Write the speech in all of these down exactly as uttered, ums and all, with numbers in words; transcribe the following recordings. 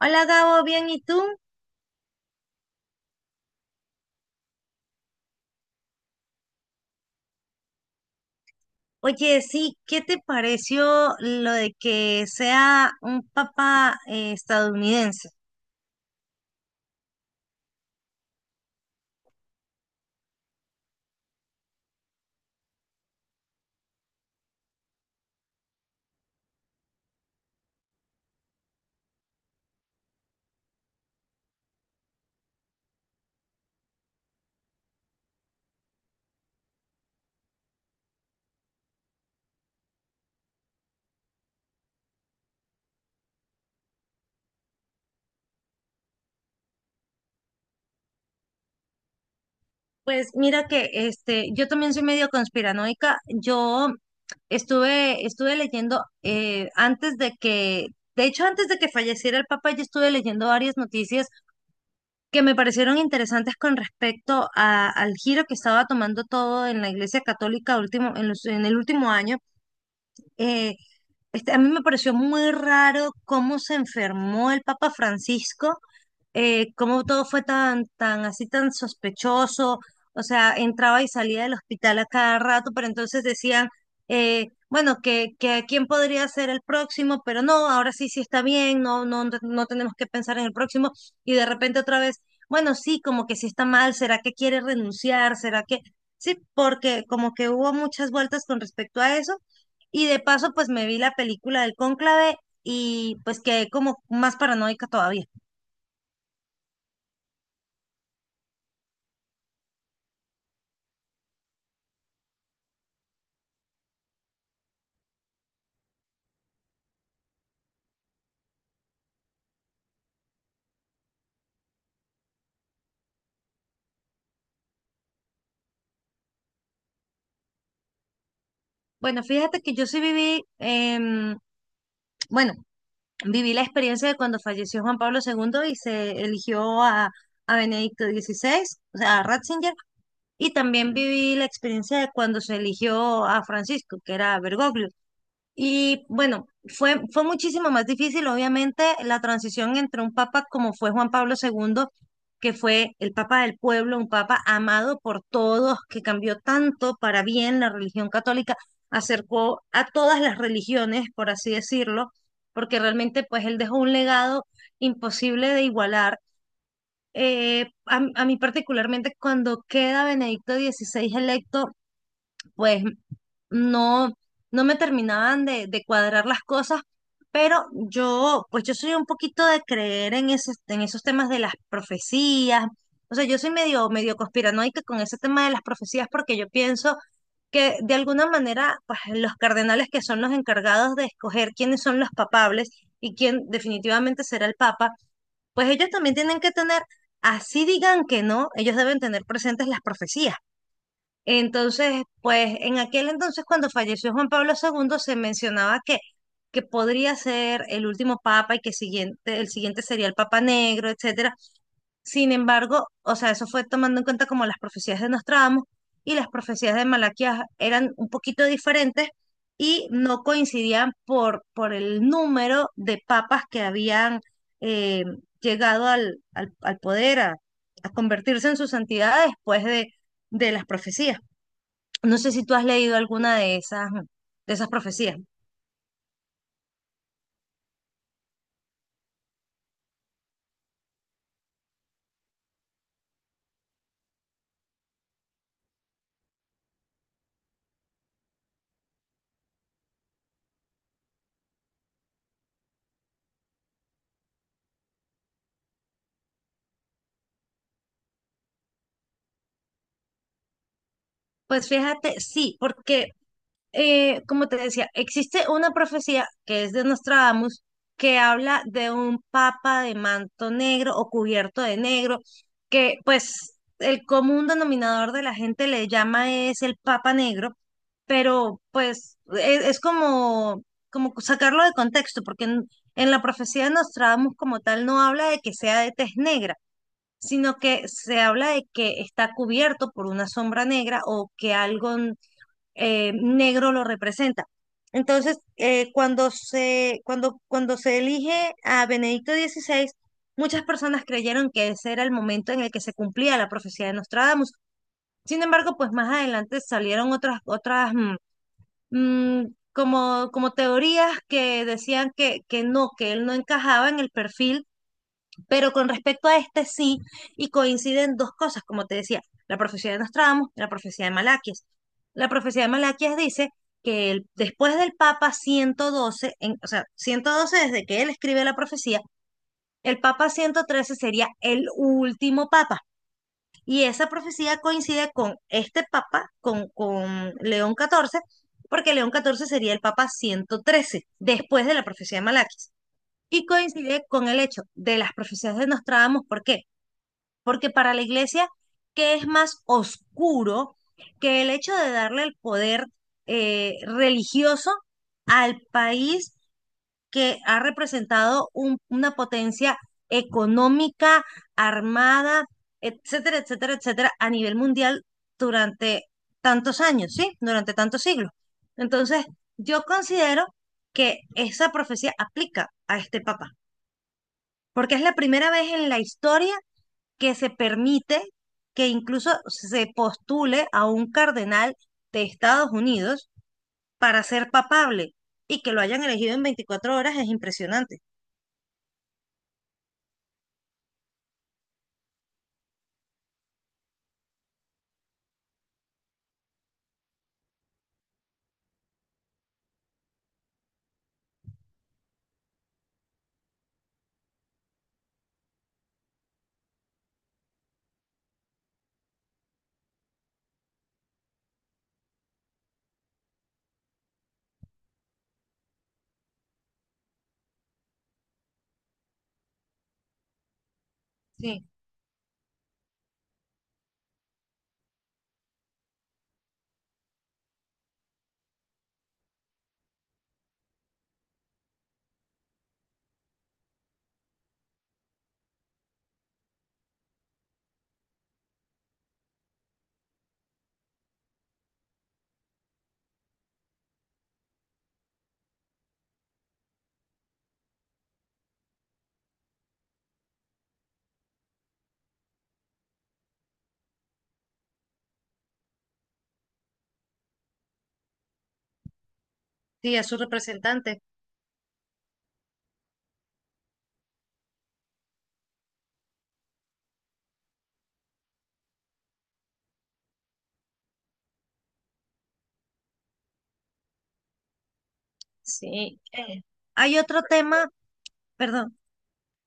Hola Gabo, bien, ¿y tú? Oye, sí, ¿qué te pareció lo de que sea un Papa eh, estadounidense? Pues mira que este, yo también soy medio conspiranoica. Yo estuve, estuve leyendo eh, antes de que, de hecho, antes de que falleciera el Papa yo estuve leyendo varias noticias que me parecieron interesantes con respecto a- al giro que estaba tomando todo en la Iglesia Católica último, en los- en el último año. Eh, Este, a mí me pareció muy raro cómo se enfermó el Papa Francisco, eh, cómo todo fue tan, tan así, tan sospechoso. O sea, entraba y salía del hospital a cada rato, pero entonces decían, eh, bueno, que, que quién podría ser el próximo, pero no, ahora sí, sí está bien, no, no, no tenemos que pensar en el próximo. Y de repente otra vez, bueno, sí, como que sí está mal, ¿será que quiere renunciar? ¿Será que...? Sí, porque como que hubo muchas vueltas con respecto a eso. Y de paso, pues me vi la película del Cónclave y pues quedé como más paranoica todavía. Bueno, fíjate que yo sí viví, em, bueno, viví la experiencia de cuando falleció Juan Pablo segundo y se eligió a, a Benedicto dieciséis, o sea, a Ratzinger, y también viví la experiencia de cuando se eligió a Francisco, que era Bergoglio. Y bueno, fue, fue muchísimo más difícil, obviamente, la transición entre un papa como fue Juan Pablo segundo, que fue el papa del pueblo, un papa amado por todos, que cambió tanto para bien la religión católica, acercó a todas las religiones, por así decirlo, porque realmente pues él dejó un legado imposible de igualar. Eh, a, a mí particularmente cuando queda Benedicto dieciséis electo, pues no, no me terminaban de, de cuadrar las cosas, pero yo, pues yo soy un poquito de creer en esos, en esos temas de las profecías. O sea, yo soy medio, medio conspiranoica con ese tema de las profecías porque yo pienso que de alguna manera, pues los cardenales que son los encargados de escoger quiénes son los papables y quién definitivamente será el papa, pues ellos también tienen que tener, así digan que no, ellos deben tener presentes las profecías. Entonces, pues en aquel entonces, cuando falleció Juan Pablo segundo, se mencionaba que, que podría ser el último papa y que siguiente, el siguiente sería el papa negro, etcétera. Sin embargo, o sea, eso fue tomando en cuenta como las profecías de Nostradamus y las profecías de Malaquías eran un poquito diferentes y no coincidían por, por el número de papas que habían eh, llegado al, al, al poder, a, a convertirse en su santidad después de de las profecías. No sé si tú has leído alguna de esas, de esas profecías. Pues fíjate, sí, porque eh, como te decía, existe una profecía que es de Nostradamus que habla de un papa de manto negro o cubierto de negro, que pues el común denominador de la gente le llama es el papa negro, pero pues es, es como, como sacarlo de contexto, porque en, en la profecía de Nostradamus como tal no habla de que sea de tez negra sino que se habla de que está cubierto por una sombra negra o que algo eh, negro lo representa. Entonces, eh, cuando se, cuando, cuando se elige a Benedicto dieciséis, muchas personas creyeron que ese era el momento en el que se cumplía la profecía de Nostradamus. Sin embargo, pues más adelante salieron otras, otras mm, mm, como, como teorías que decían que, que no, que él no encajaba en el perfil pero con respecto a este sí, y coinciden dos cosas, como te decía, la profecía de Nostradamus, la profecía de Malaquías. La profecía de Malaquías dice que el- después del Papa ciento doce, en- o sea, ciento doce desde que él escribe la profecía, el Papa ciento trece sería el último Papa. Y esa profecía coincide con este Papa, con, con León catorce, porque León catorce sería el Papa ciento trece después de la profecía de Malaquías. Y coincide con el hecho de las profecías de Nostradamus, ¿por qué? Porque para la iglesia, ¿qué es más oscuro que el hecho de darle el poder eh, religioso al país que ha representado un- una potencia económica, armada, etcétera, etcétera, etcétera, a nivel mundial durante tantos años, ¿sí? Durante tantos siglos. Entonces, yo considero que esa profecía aplica a este papa, porque es la primera vez en la historia que se permite que incluso se postule a un cardenal de Estados Unidos para ser papable y que lo hayan elegido en veinticuatro horas es impresionante. Sí, sí, a su representante. Sí. Eh, hay otro tema, perdón,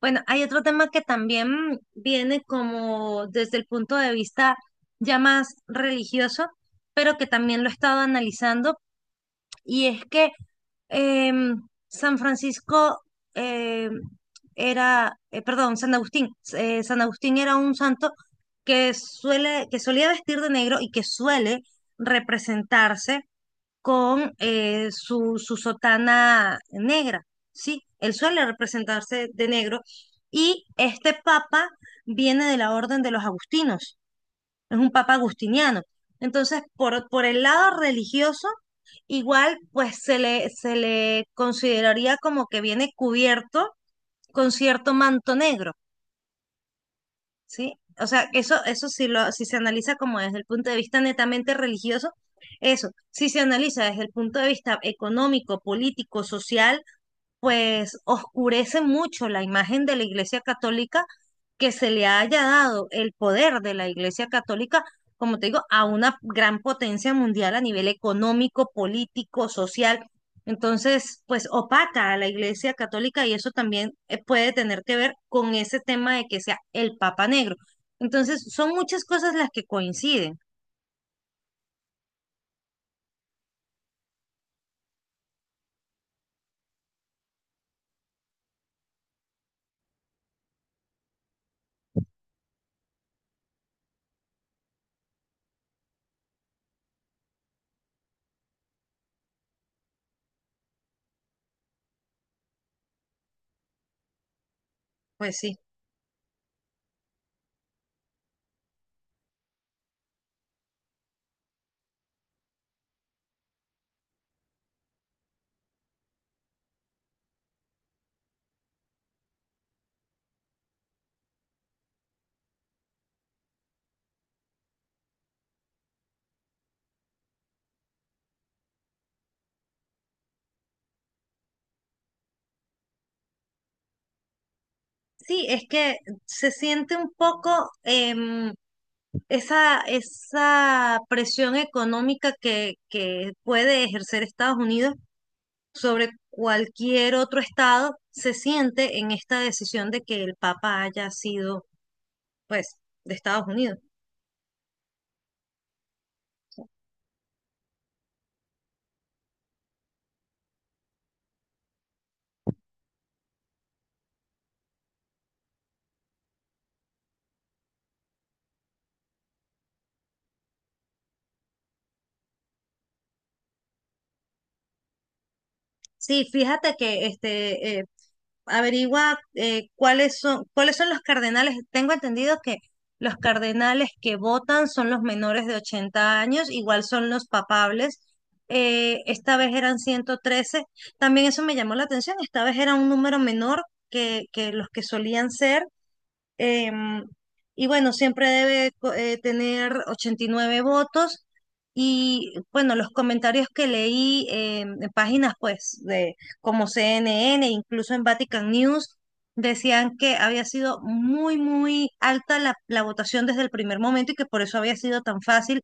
bueno, hay otro tema que también viene como desde el punto de vista ya más religioso, pero que también lo he estado analizando y es que em, San Francisco em, era, eh, perdón, San Agustín. eh, San Agustín era un santo que suele, que solía vestir de negro y que suele representarse con eh, su, su sotana negra, ¿sí? Él suele representarse de negro y este papa viene de la orden de los agustinos, es un papa agustiniano. Entonces, por, por el lado religioso, igual pues se le, se le consideraría como que viene cubierto con cierto manto negro, ¿sí? O sea, eso, eso si lo, si se analiza como desde el punto de vista netamente religioso, eso, si se analiza desde el punto de vista económico, político, social, pues oscurece mucho la imagen de la Iglesia Católica que se le haya dado el poder de la Iglesia Católica, como te digo, a una gran potencia mundial a nivel económico, político, social. Entonces, pues opaca a la Iglesia Católica y eso también eh, puede tener que ver con ese tema de que sea el Papa Negro. Entonces, son muchas cosas las que coinciden. Pues sí. Sí, es que se siente un poco, em, esa, esa presión económica que, que puede ejercer Estados Unidos sobre cualquier otro estado se siente en esta decisión de que el Papa haya sido, pues, de Estados Unidos. Sí, fíjate que este, eh, averigua eh, cuáles son, cuáles son los cardenales. Tengo entendido que los cardenales que votan son los menores de ochenta años, igual son los papables. Eh, esta vez eran ciento trece. También eso me llamó la atención. Esta vez era un número menor que, que los que solían ser. Em, y bueno, siempre debe co- eh, tener ochenta y nueve votos. Y bueno, los comentarios que leí eh, en páginas pues de como C N N, incluso en Vatican News, decían que había sido muy, muy alta la, la votación desde el primer momento y que por eso había sido tan fácil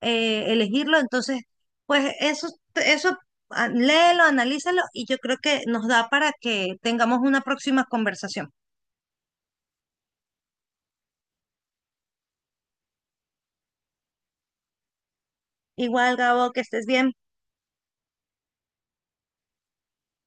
eh, elegirlo. Entonces, pues eso, eso ah, léelo, analízalo y yo creo que nos da para que tengamos una próxima conversación. Igual, Gabo, que estés bien.